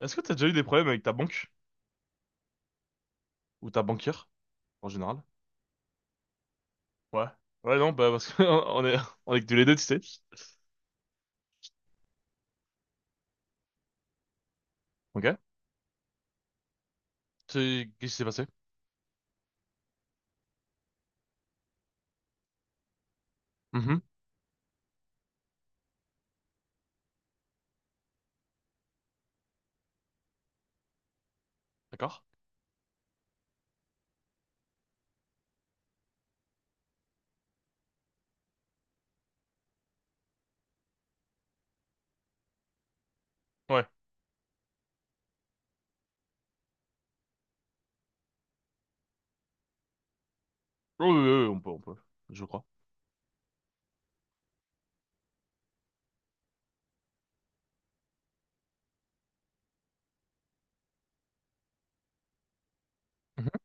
Est-ce que t'as déjà eu des problèmes avec ta banque? Ou ta banquière, en général? Ouais. Ouais, non, bah, parce qu'on on est que tous les deux, tu sais. Ok. Qu'est-ce qui s'est passé? Mhm. D'accord. Ouais. Oui, oui, oui, on peut, on peut. Je crois. Mhm.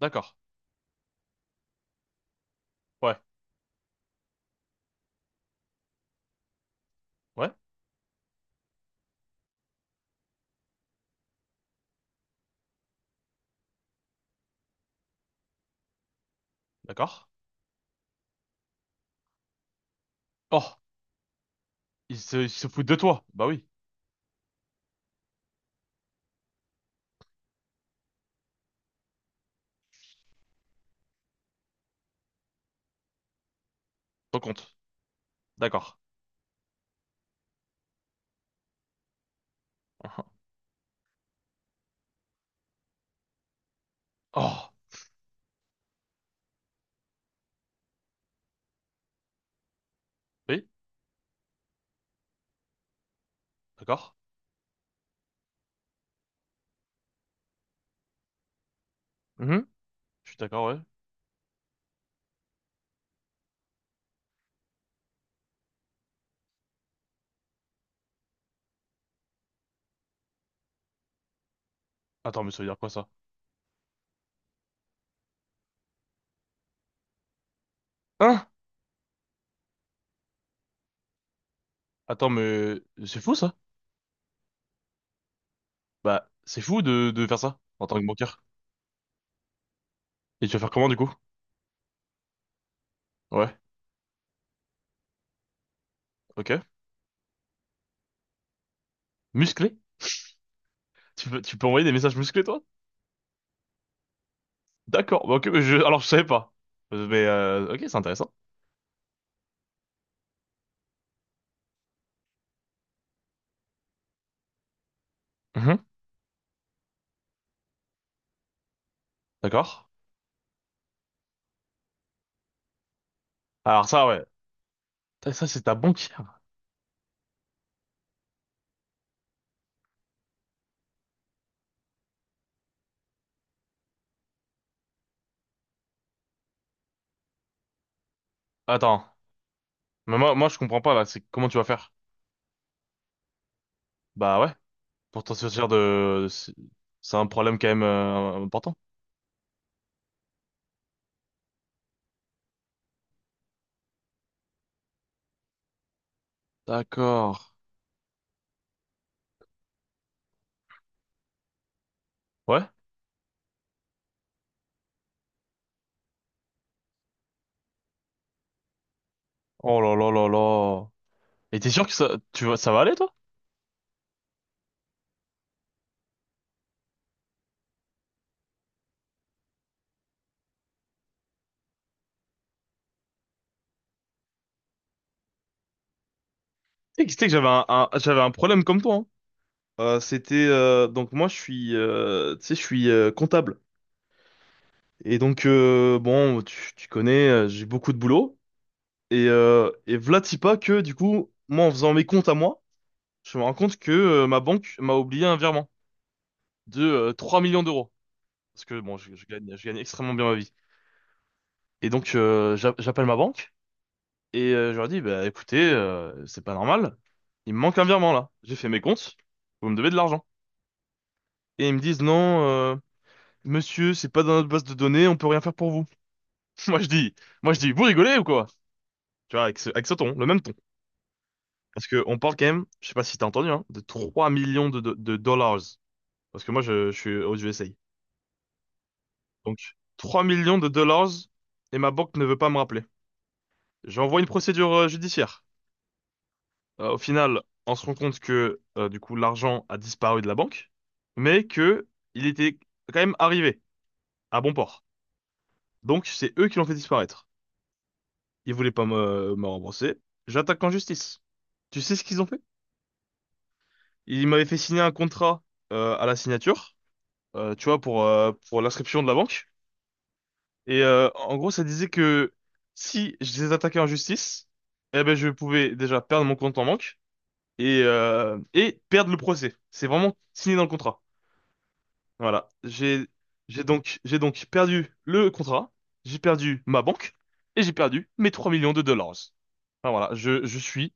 D'accord. Ouais. Ouais. D'accord. Oh, il se fout de toi. Bah oui. Ton compte. D'accord. Uhum. Oh. Oui. D'accord. Mhm. Je suis d'accord, ouais. Attends, mais ça veut dire quoi, ça? Hein? Attends, mais c'est fou, ça? Bah, c'est fou de faire ça, en tant que banquier. Et tu vas faire comment, du coup? Ouais. Ok. Musclé? Tu peux envoyer des messages musclés, toi? D'accord. Bah, ok, mais je, alors, je savais pas. Mais, ok, c'est intéressant. Mhm. D'accord. Alors, ça, ouais. Putain, ça, c'est ta banquière. Attends. Mais moi, je comprends pas, là. C'est comment tu vas faire? Bah, ouais. Pour t'en sortir de, c'est un problème quand même, important. D'accord. Ouais. Oh là là là là. Et t'es sûr que ça, tu vas, ça va aller, toi? Tu sais que j'avais j'avais un problème comme toi, hein. C'était, donc moi, je suis, tu sais, je suis, comptable. Et donc, bon, tu connais, j'ai beaucoup de boulot. Et v'là t'y pas que, du coup, moi, en faisant mes comptes à moi, je me rends compte que ma banque m'a oublié un virement de 3 millions d'euros. Parce que, bon, je gagne extrêmement bien ma vie. Et donc, j'appelle ma banque et je leur dis, bah, écoutez, c'est pas normal, il me manque un virement là. J'ai fait mes comptes, vous me devez de l'argent. Et ils me disent, non, monsieur, c'est pas dans notre base de données, on peut rien faire pour vous. Moi, je dis, moi, je dis, vous rigolez ou quoi? Tu vois, avec ce ton, le même ton. Parce que on parle quand même, je sais pas si t'as entendu, hein, de 3 millions de dollars. Parce que moi, je suis aux USA. Donc, 3 millions de dollars et ma banque ne veut pas me rappeler. J'envoie une procédure judiciaire. Au final, on se rend compte que, du coup, l'argent a disparu de la banque, mais que il était quand même arrivé à bon port. Donc, c'est eux qui l'ont fait disparaître. Ils voulaient pas me, me rembourser. J'attaque en justice. Tu sais ce qu'ils ont fait? Ils m'avaient fait signer un contrat, à la signature. Tu vois, pour l'inscription de la banque. Et en gros, ça disait que si je les attaquais en justice, eh ben, je pouvais déjà perdre mon compte en banque et perdre le procès. C'est vraiment signé dans le contrat. Voilà. J'ai donc perdu le contrat, j'ai perdu ma banque et j'ai perdu mes 3 millions de dollars. Enfin, voilà, je suis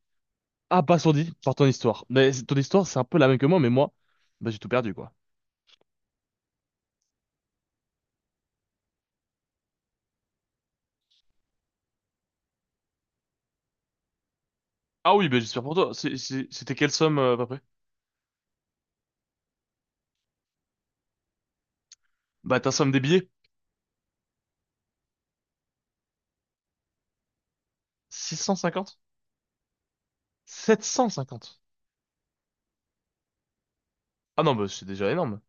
abasourdi par ton histoire. Mais ton histoire, c'est un peu la même que moi, mais moi, bah, j'ai tout perdu, quoi. Ah oui, bah, j'espère pour toi. C'était quelle somme, à peu près? Bah, ta somme des billets, 650? 750. Ah non, bah, c'est déjà énorme.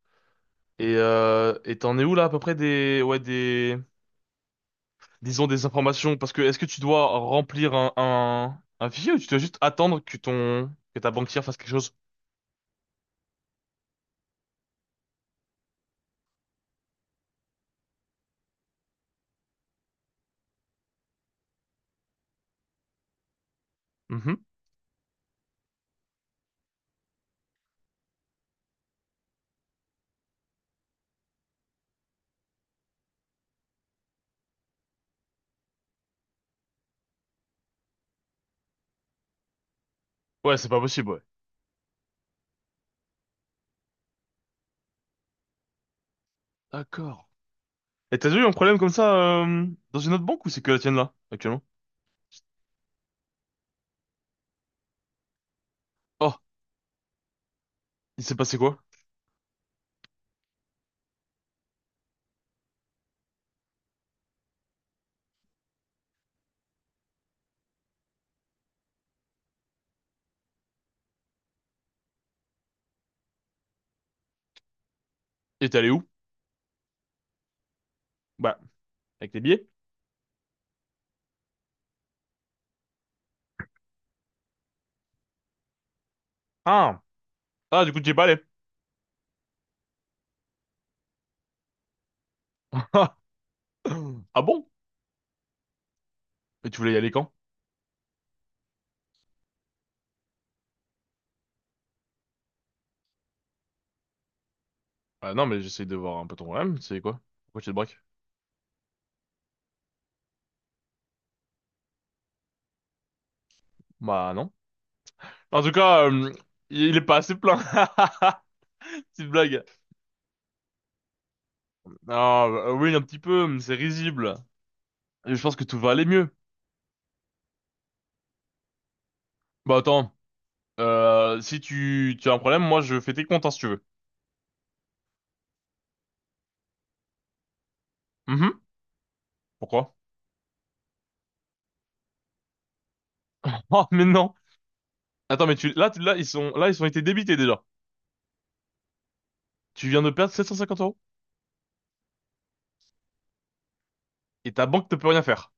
Et t'en es où là à peu près des ouais des disons des informations parce que est-ce que tu dois remplir un fichier ou tu dois juste attendre que ton que ta banquière fasse quelque chose? Mhm. Ouais, c'est pas possible, ouais. D'accord. Et t'as déjà eu un problème comme ça euh, dans une autre banque ou c'est que la tienne là actuellement? Oh, il s'est passé quoi? Et t'es allé où? Bah, avec les billets. Ah, ah du coup tu es pas allé. Ah bon? Et tu voulais y aller quand? Ah non, mais j'essaie de voir un peu ton problème. C'est quoi? Pourquoi tu te braques? Bah non. En tout cas, il est pas assez plein. Petite blague. Non, bah, oui, un petit peu, mais c'est risible. Et je pense que tout va aller mieux. Bah attends, si tu, tu as un problème, moi je fais tes comptes hein, si tu veux. Mhm. Pourquoi? Oh, mais non. Attends, mais là, ils sont, là, ils ont été débités déjà. Tu viens de perdre 750 euros et ta banque ne peut rien faire.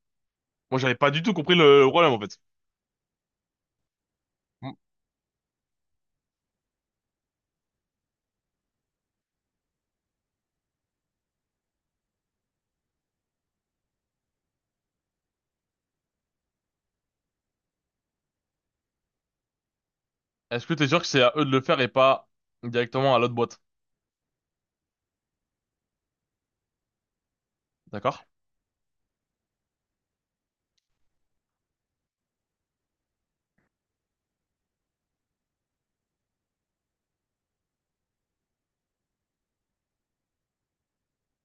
Moi, j'avais pas du tout compris le problème en fait. Mm. Est-ce que t'es sûr que c'est à eux de le faire et pas directement à l'autre boîte? D'accord?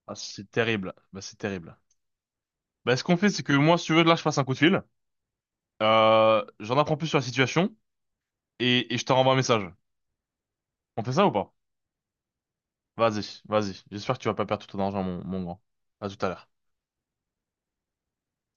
Ah, c'est terrible. Bah, c'est terrible. Bah, ce qu'on fait, c'est que moi, si tu veux, là, je passe un coup de fil. J'en apprends plus sur la situation et je te renvoie un message. On fait ça ou pas? Vas-y, vas-y. J'espère que tu vas pas perdre tout ton argent, mon grand. À tout à l'heure.